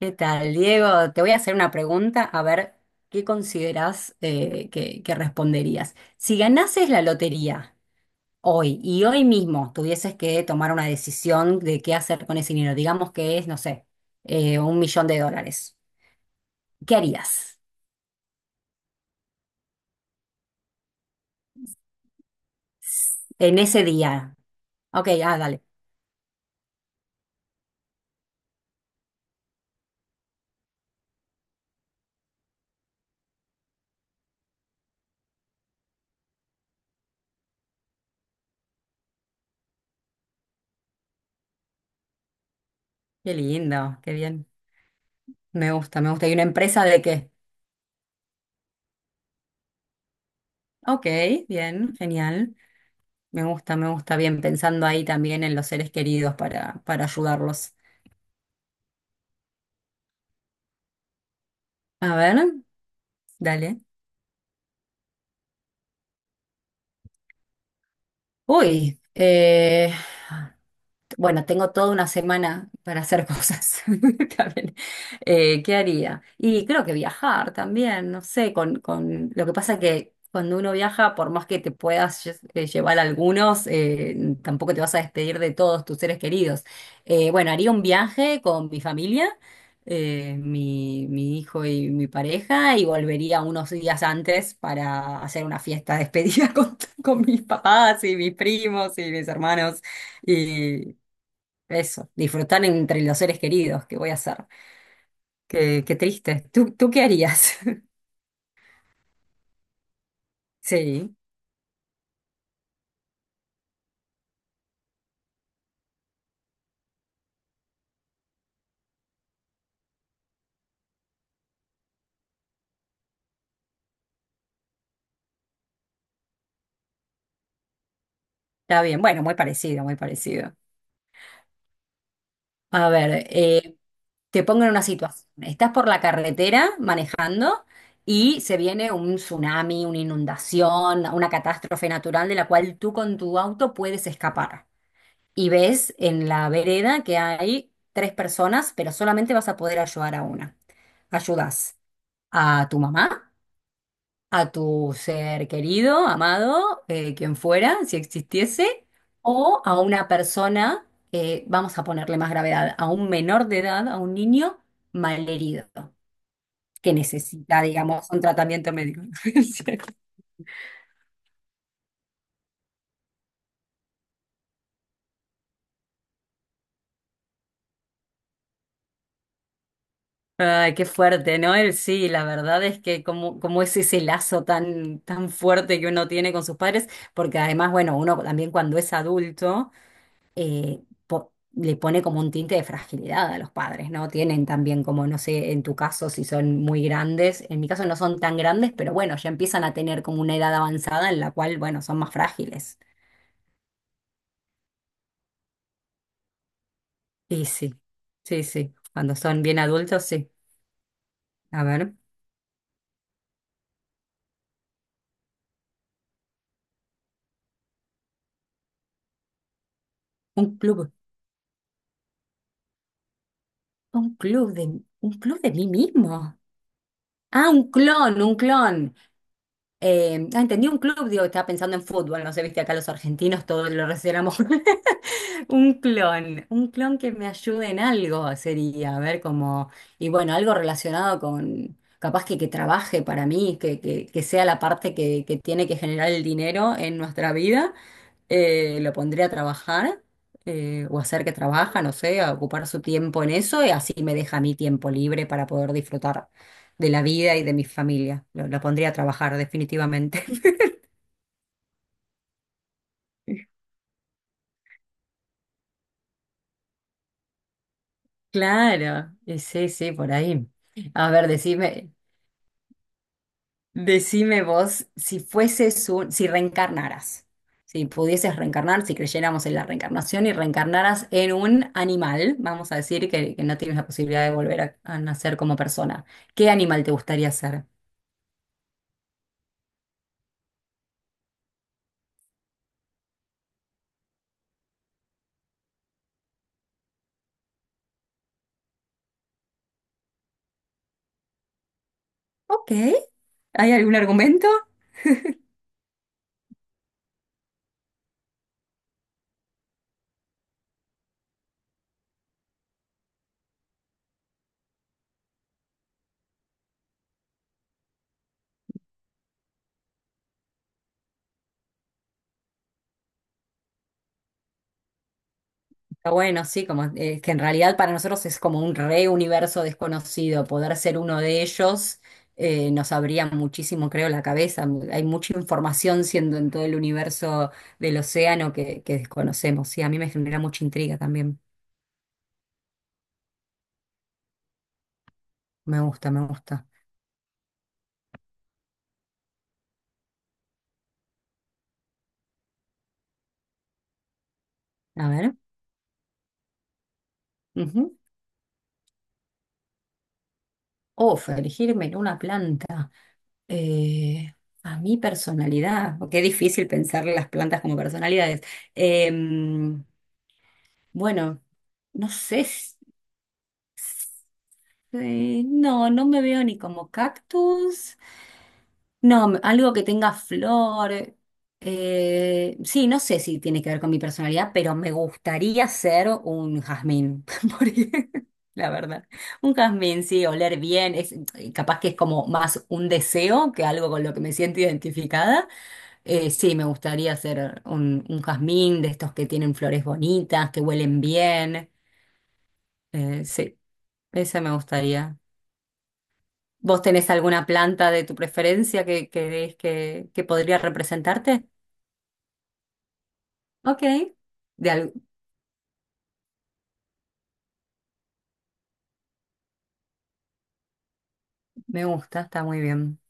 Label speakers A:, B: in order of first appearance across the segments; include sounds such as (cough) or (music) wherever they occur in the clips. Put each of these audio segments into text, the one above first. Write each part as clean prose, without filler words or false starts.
A: ¿Qué tal, Diego? Te voy a hacer una pregunta, a ver qué consideras que responderías. Si ganases la lotería hoy y hoy mismo tuvieses que tomar una decisión de qué hacer con ese dinero, digamos que es, no sé, un millón de dólares, ¿qué harías en ese día? Ok, dale. Qué lindo, qué bien. Me gusta, me gusta. ¿Y una empresa de qué? Ok, bien, genial. Me gusta bien pensando ahí también en los seres queridos para ayudarlos. A ver, dale. Uy, eh, Bueno, tengo toda una semana para hacer cosas (laughs) también. ¿Qué haría? Y creo que viajar también, no sé, con lo que pasa que cuando uno viaja, por más que te puedas llevar algunos, tampoco te vas a despedir de todos tus seres queridos. Bueno, haría un viaje con mi familia, mi hijo y mi pareja, y volvería unos días antes para hacer una fiesta de despedida (laughs) con mis papás y mis primos y mis hermanos. Eso, disfrutar entre los seres queridos, ¿qué voy a hacer? Qué triste. Tú qué harías? (laughs) Sí, está bien. Bueno, muy parecido, muy parecido. A ver, te pongo en una situación. Estás por la carretera manejando y se viene un tsunami, una inundación, una catástrofe natural de la cual tú con tu auto puedes escapar. Y ves en la vereda que hay tres personas, pero solamente vas a poder ayudar a una. Ayudas a tu mamá, a tu ser querido, amado, quien fuera, si existiese, o a una persona, vamos a ponerle más gravedad, a un menor de edad, a un niño malherido, que necesita, digamos, un tratamiento médico. (laughs) Ay, qué fuerte, ¿no? Él sí, la verdad es que como, como es ese lazo tan fuerte que uno tiene con sus padres, porque además, bueno, uno también cuando es adulto le pone como un tinte de fragilidad a los padres, ¿no? Tienen también como, no sé, en tu caso si son muy grandes, en mi caso no son tan grandes, pero bueno, ya empiezan a tener como una edad avanzada en la cual, bueno, son más frágiles. Y sí, sí, sí, cuando son bien adultos, sí. A ver, un club, un club de mí mismo. Ah, un clon, un clon. Entendí un club, digo, estaba pensando en fútbol, no sé, viste, acá los argentinos todos lo relacionamos. (laughs) Un clon que me ayude en algo sería, a ver cómo, y bueno, algo relacionado con, capaz que trabaje para mí, que sea la parte que tiene que generar el dinero en nuestra vida, lo pondría a trabajar, o hacer que trabaja, no sé, a ocupar su tiempo en eso, y así me deja mi tiempo libre para poder disfrutar de la vida y de mi familia. Lo pondría a trabajar, definitivamente. (laughs) Claro, y sí, sí, por ahí. A ver, decime. Decime vos, si reencarnaras, si pudieses reencarnar, si creyéramos en la reencarnación y reencarnaras en un animal, vamos a decir que no tienes la posibilidad de volver a nacer como persona, ¿qué animal te gustaría ser? Ok, ¿hay algún argumento? Está bueno, sí, como que en realidad para nosotros es como un re universo desconocido. Poder ser uno de ellos nos abría muchísimo, creo, la cabeza. Hay mucha información siendo en todo el universo del océano que desconocemos. Sí, a mí me genera mucha intriga también. Me gusta, me gusta. A ver. Ujú. Uf, elegirme en una planta. Eh, a mi personalidad. Oh, qué difícil pensar las plantas como personalidades. Em, bueno. No sé. No me veo ni como cactus. No, me- algo que tenga flor. Sí, no sé si tiene que ver con mi personalidad, pero me gustaría ser un jazmín, (laughs) por ej- la verdad. Un jazmín, sí, oler bien. Capaz que es como más un deseo que algo con lo que me siento identificada. Sí, me gustaría ser un jazmín de estos que tienen flores bonitas, que huelen bien. Sí, ese me gustaría. ¿Vos tenés alguna planta de tu preferencia que crees que podría representarte? Ok, de al- me gusta, está muy bien.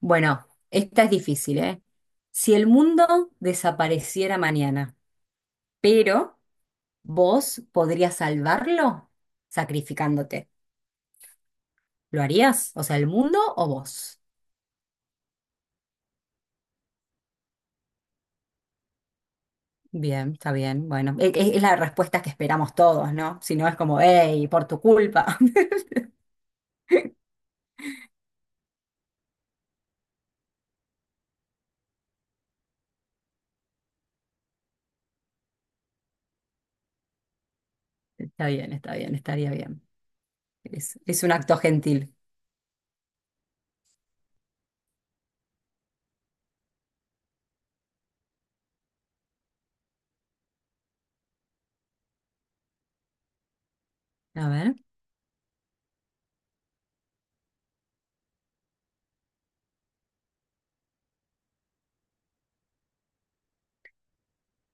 A: Bueno, esta es difícil, ¿eh? Si el mundo desapareciera mañana, pero vos podrías salvarlo sacrificándote, ¿lo harías? O sea, ¿el mundo o vos? Bien, está bien. Bueno, es, la respuesta que esperamos todos, ¿no? Si no es como, hey, por tu culpa. (laughs) Está bien, estaría bien. Es un acto gentil. A ver.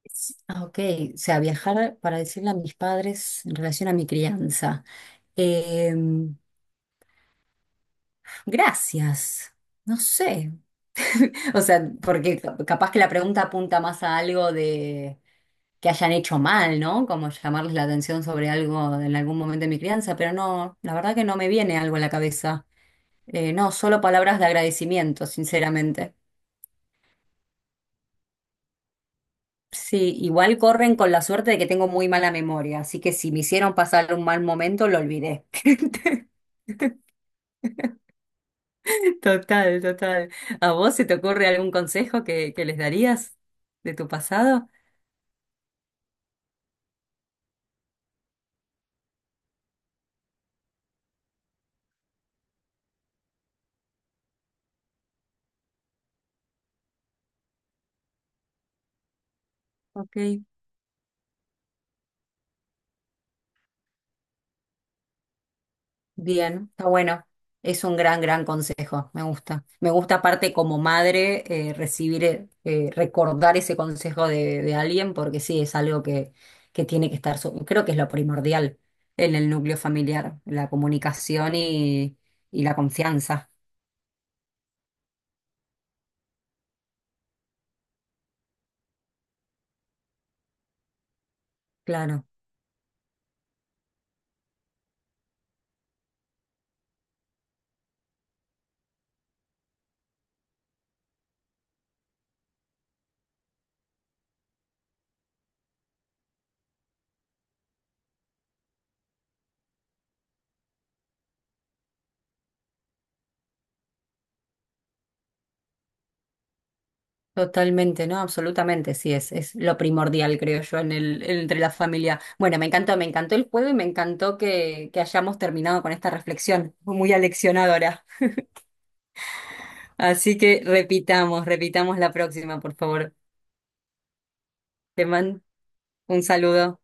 A: Ok, o sea, viajar para decirle a mis padres en relación a mi crianza. Em, gracias. No sé. (laughs) O sea, porque ca- capaz que la pregunta apunta más a algo de que hayan hecho mal, ¿no? Como llamarles la atención sobre algo en algún momento de mi crianza, pero no, la verdad que no me viene algo a la cabeza. No, solo palabras de agradecimiento, sinceramente. Sí, igual corren con la suerte de que tengo muy mala memoria, así que si me hicieron pasar un mal momento, lo olvidé. Total, total. ¿A vos se te ocurre algún consejo que les darías de tu pasado? Ok, bien, está bueno. Es un gran, gran consejo, me gusta. Me gusta aparte como madre recordar ese consejo de alguien, porque sí, es algo que tiene que estar, su- creo que es lo primordial en el núcleo familiar, la comunicación y la confianza. Claro. Totalmente, ¿no? Absolutamente, sí, es lo primordial, creo yo, en el, entre la familia. Bueno, me encantó el juego y me encantó que hayamos terminado con esta reflexión. Fue muy aleccionadora. Así que repitamos, repitamos la próxima, por favor. Te mando un saludo.